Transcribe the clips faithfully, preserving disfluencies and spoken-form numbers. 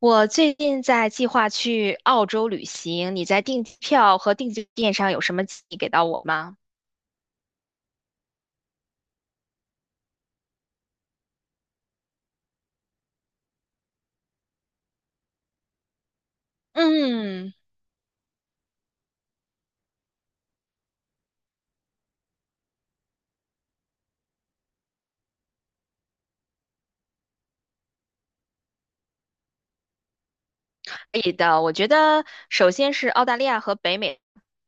我最近在计划去澳洲旅行，你在订票和订酒店上有什么建议给到我吗？嗯，可以的。我觉得首先是澳大利亚和北美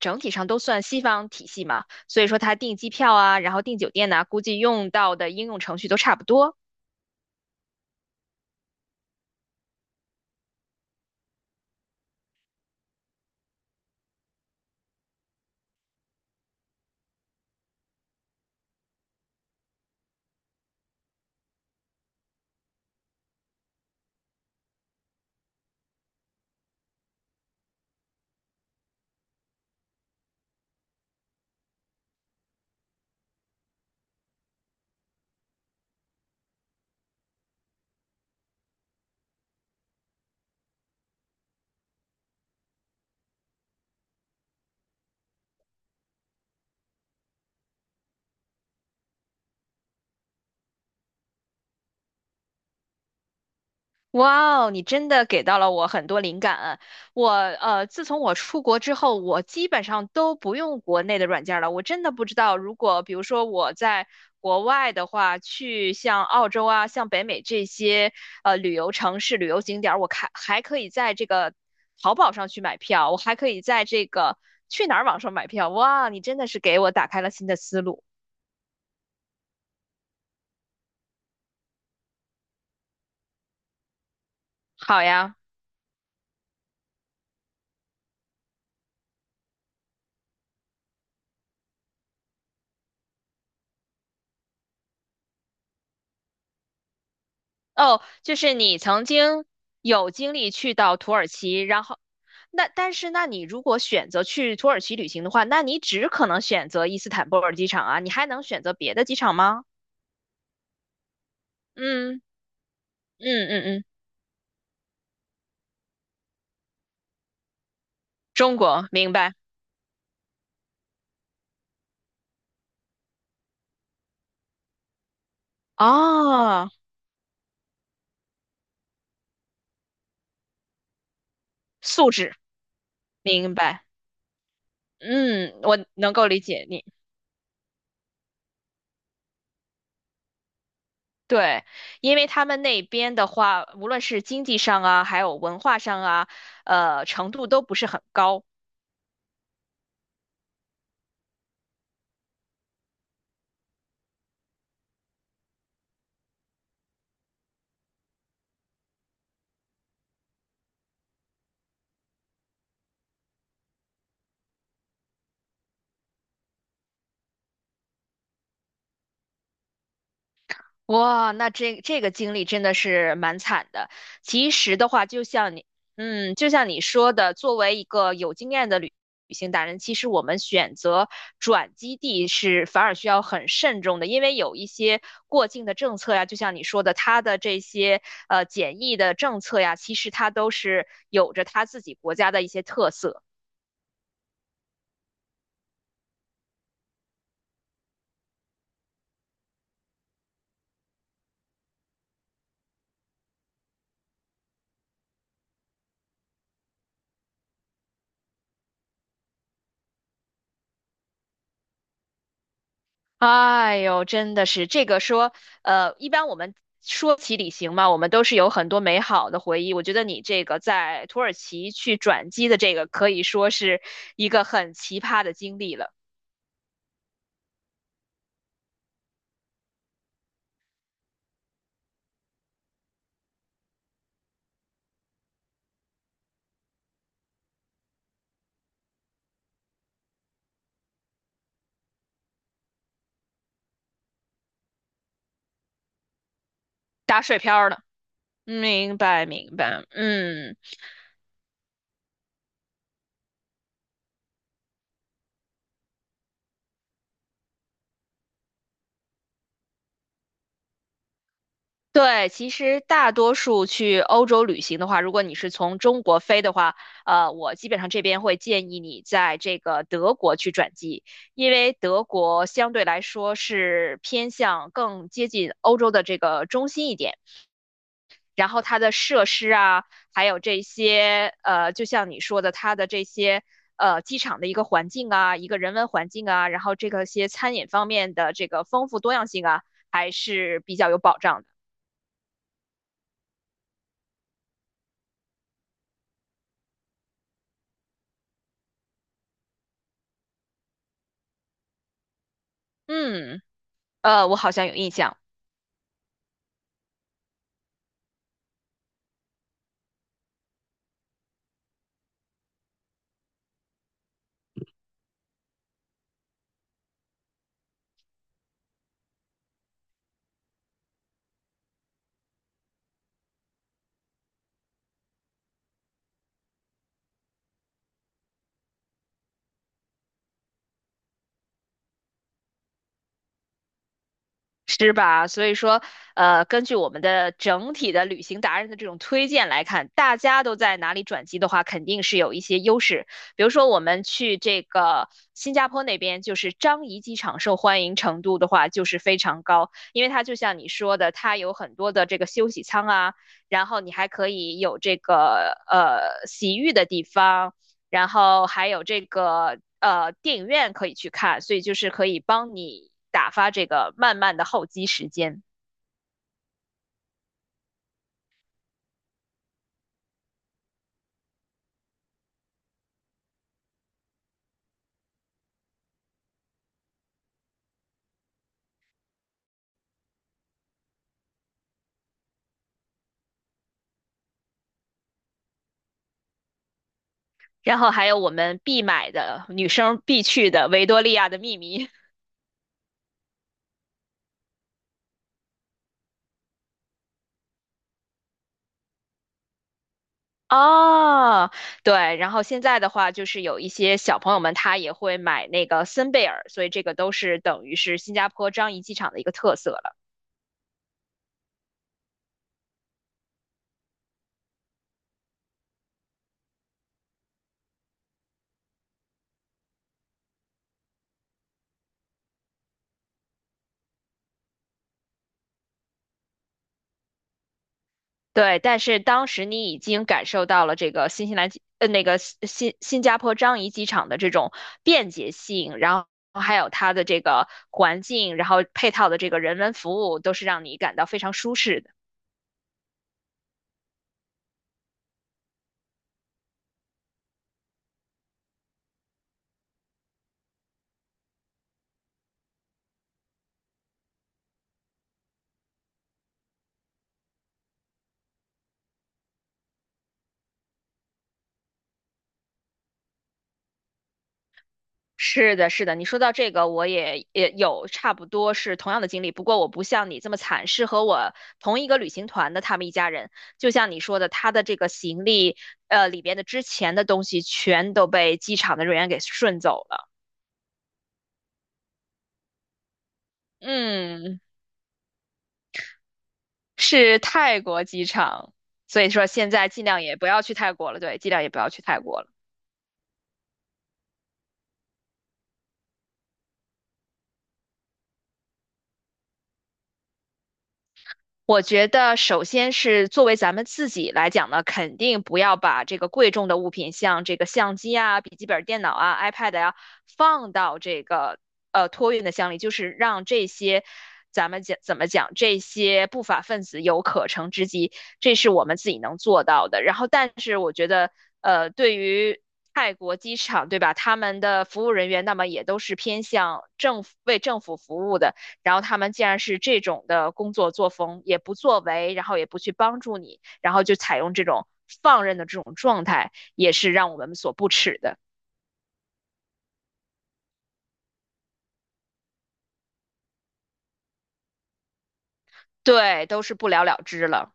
整体上都算西方体系嘛，所以说它订机票啊，然后订酒店呐、估计用到的应用程序都差不多。哇哦，你真的给到了我很多灵感啊。我呃，自从我出国之后，我基本上都不用国内的软件了。我真的不知道，如果比如说我在国外的话，去像澳洲啊、像北美这些呃旅游城市、旅游景点儿，我看还可以在这个淘宝上去买票，我还可以在这个去哪儿网上买票。哇，你真的是给我打开了新的思路。好呀。哦，就是你曾经有经历去到土耳其，然后那但是那你如果选择去土耳其旅行的话，那你只可能选择伊斯坦布尔机场啊，你还能选择别的机场吗？嗯嗯嗯嗯，中国，明白。哦，素质，明白。嗯，我能够理解你。对，因为他们那边的话，无论是经济上啊，还有文化上啊，呃，程度都不是很高。哇，那这这个经历真的是蛮惨的。其实的话，就像你，嗯，就像你说的，作为一个有经验的旅旅行达人，其实我们选择转基地是反而需要很慎重的，因为有一些过境的政策呀，就像你说的，它的这些呃检疫的政策呀，其实它都是有着它自己国家的一些特色。哎呦，真的是这个说，呃，一般我们说起旅行嘛，我们都是有很多美好的回忆。我觉得你这个在土耳其去转机的这个，可以说是一个很奇葩的经历了，打水漂儿了。嗯明白，明白，嗯。对，其实大多数去欧洲旅行的话，如果你是从中国飞的话，呃，我基本上这边会建议你在这个德国去转机，因为德国相对来说是偏向更接近欧洲的这个中心一点，然后它的设施啊，还有这些呃，就像你说的，它的这些呃机场的一个环境啊，一个人文环境啊，然后这个些餐饮方面的这个丰富多样性啊，还是比较有保障的。嗯。呃，我好像有印象，是吧？所以说，呃，根据我们的整体的旅行达人的这种推荐来看，大家都在哪里转机的话，肯定是有一些优势。比如说，我们去这个新加坡那边，就是樟宜机场受欢迎程度的话，就是非常高，因为它就像你说的，它有很多的这个休息舱啊，然后你还可以有这个呃洗浴的地方。然后还有这个呃电影院可以去看，所以就是可以帮你打发这个慢慢的候机时间。然后还有我们必买的女生必去的《维多利亚的秘密》哦，对。然后现在的话，就是有一些小朋友们他也会买那个森贝尔，所以这个都是等于是新加坡樟宜机场的一个特色。对，但是当时你已经感受到了这个新西兰机，呃，那个新新新加坡樟宜机场的这种便捷性，然后还有它的这个环境，然后配套的这个人文服务，都是让你感到非常舒适的。是的，是的，你说到这个，我也也有差不多是同样的经历，不过我不像你这么惨，是和我同一个旅行团的他们一家人，就像你说的，他的这个行李，呃，里边的之前的东西全都被机场的人员给顺走了。嗯。是泰国机场，所以说现在尽量也不要去泰国了，对，尽量也不要去泰国了。我觉得，首先是作为咱们自己来讲呢，肯定不要把这个贵重的物品，像这个相机啊、笔记本电脑啊、iPad 呀、放到这个呃托运的箱里，就是让这些咱们讲怎么讲，这些不法分子有可乘之机，这是我们自己能做到的。然后，但是我觉得，呃，对于泰国机场，对吧？他们的服务人员，那么也都是偏向政府，为政府服务的。然后他们既然是这种的工作作风，也不作为，然后也不去帮助你，然后就采用这种放任的这种状态，也是让我们所不齿的。对，都是不了了之了。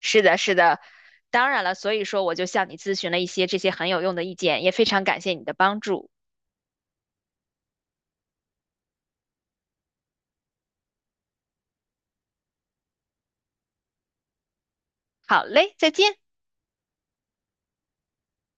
是的，是的。当然了，所以说我就向你咨询了一些这些很有用的意见，也非常感谢你的帮助。好嘞，再见。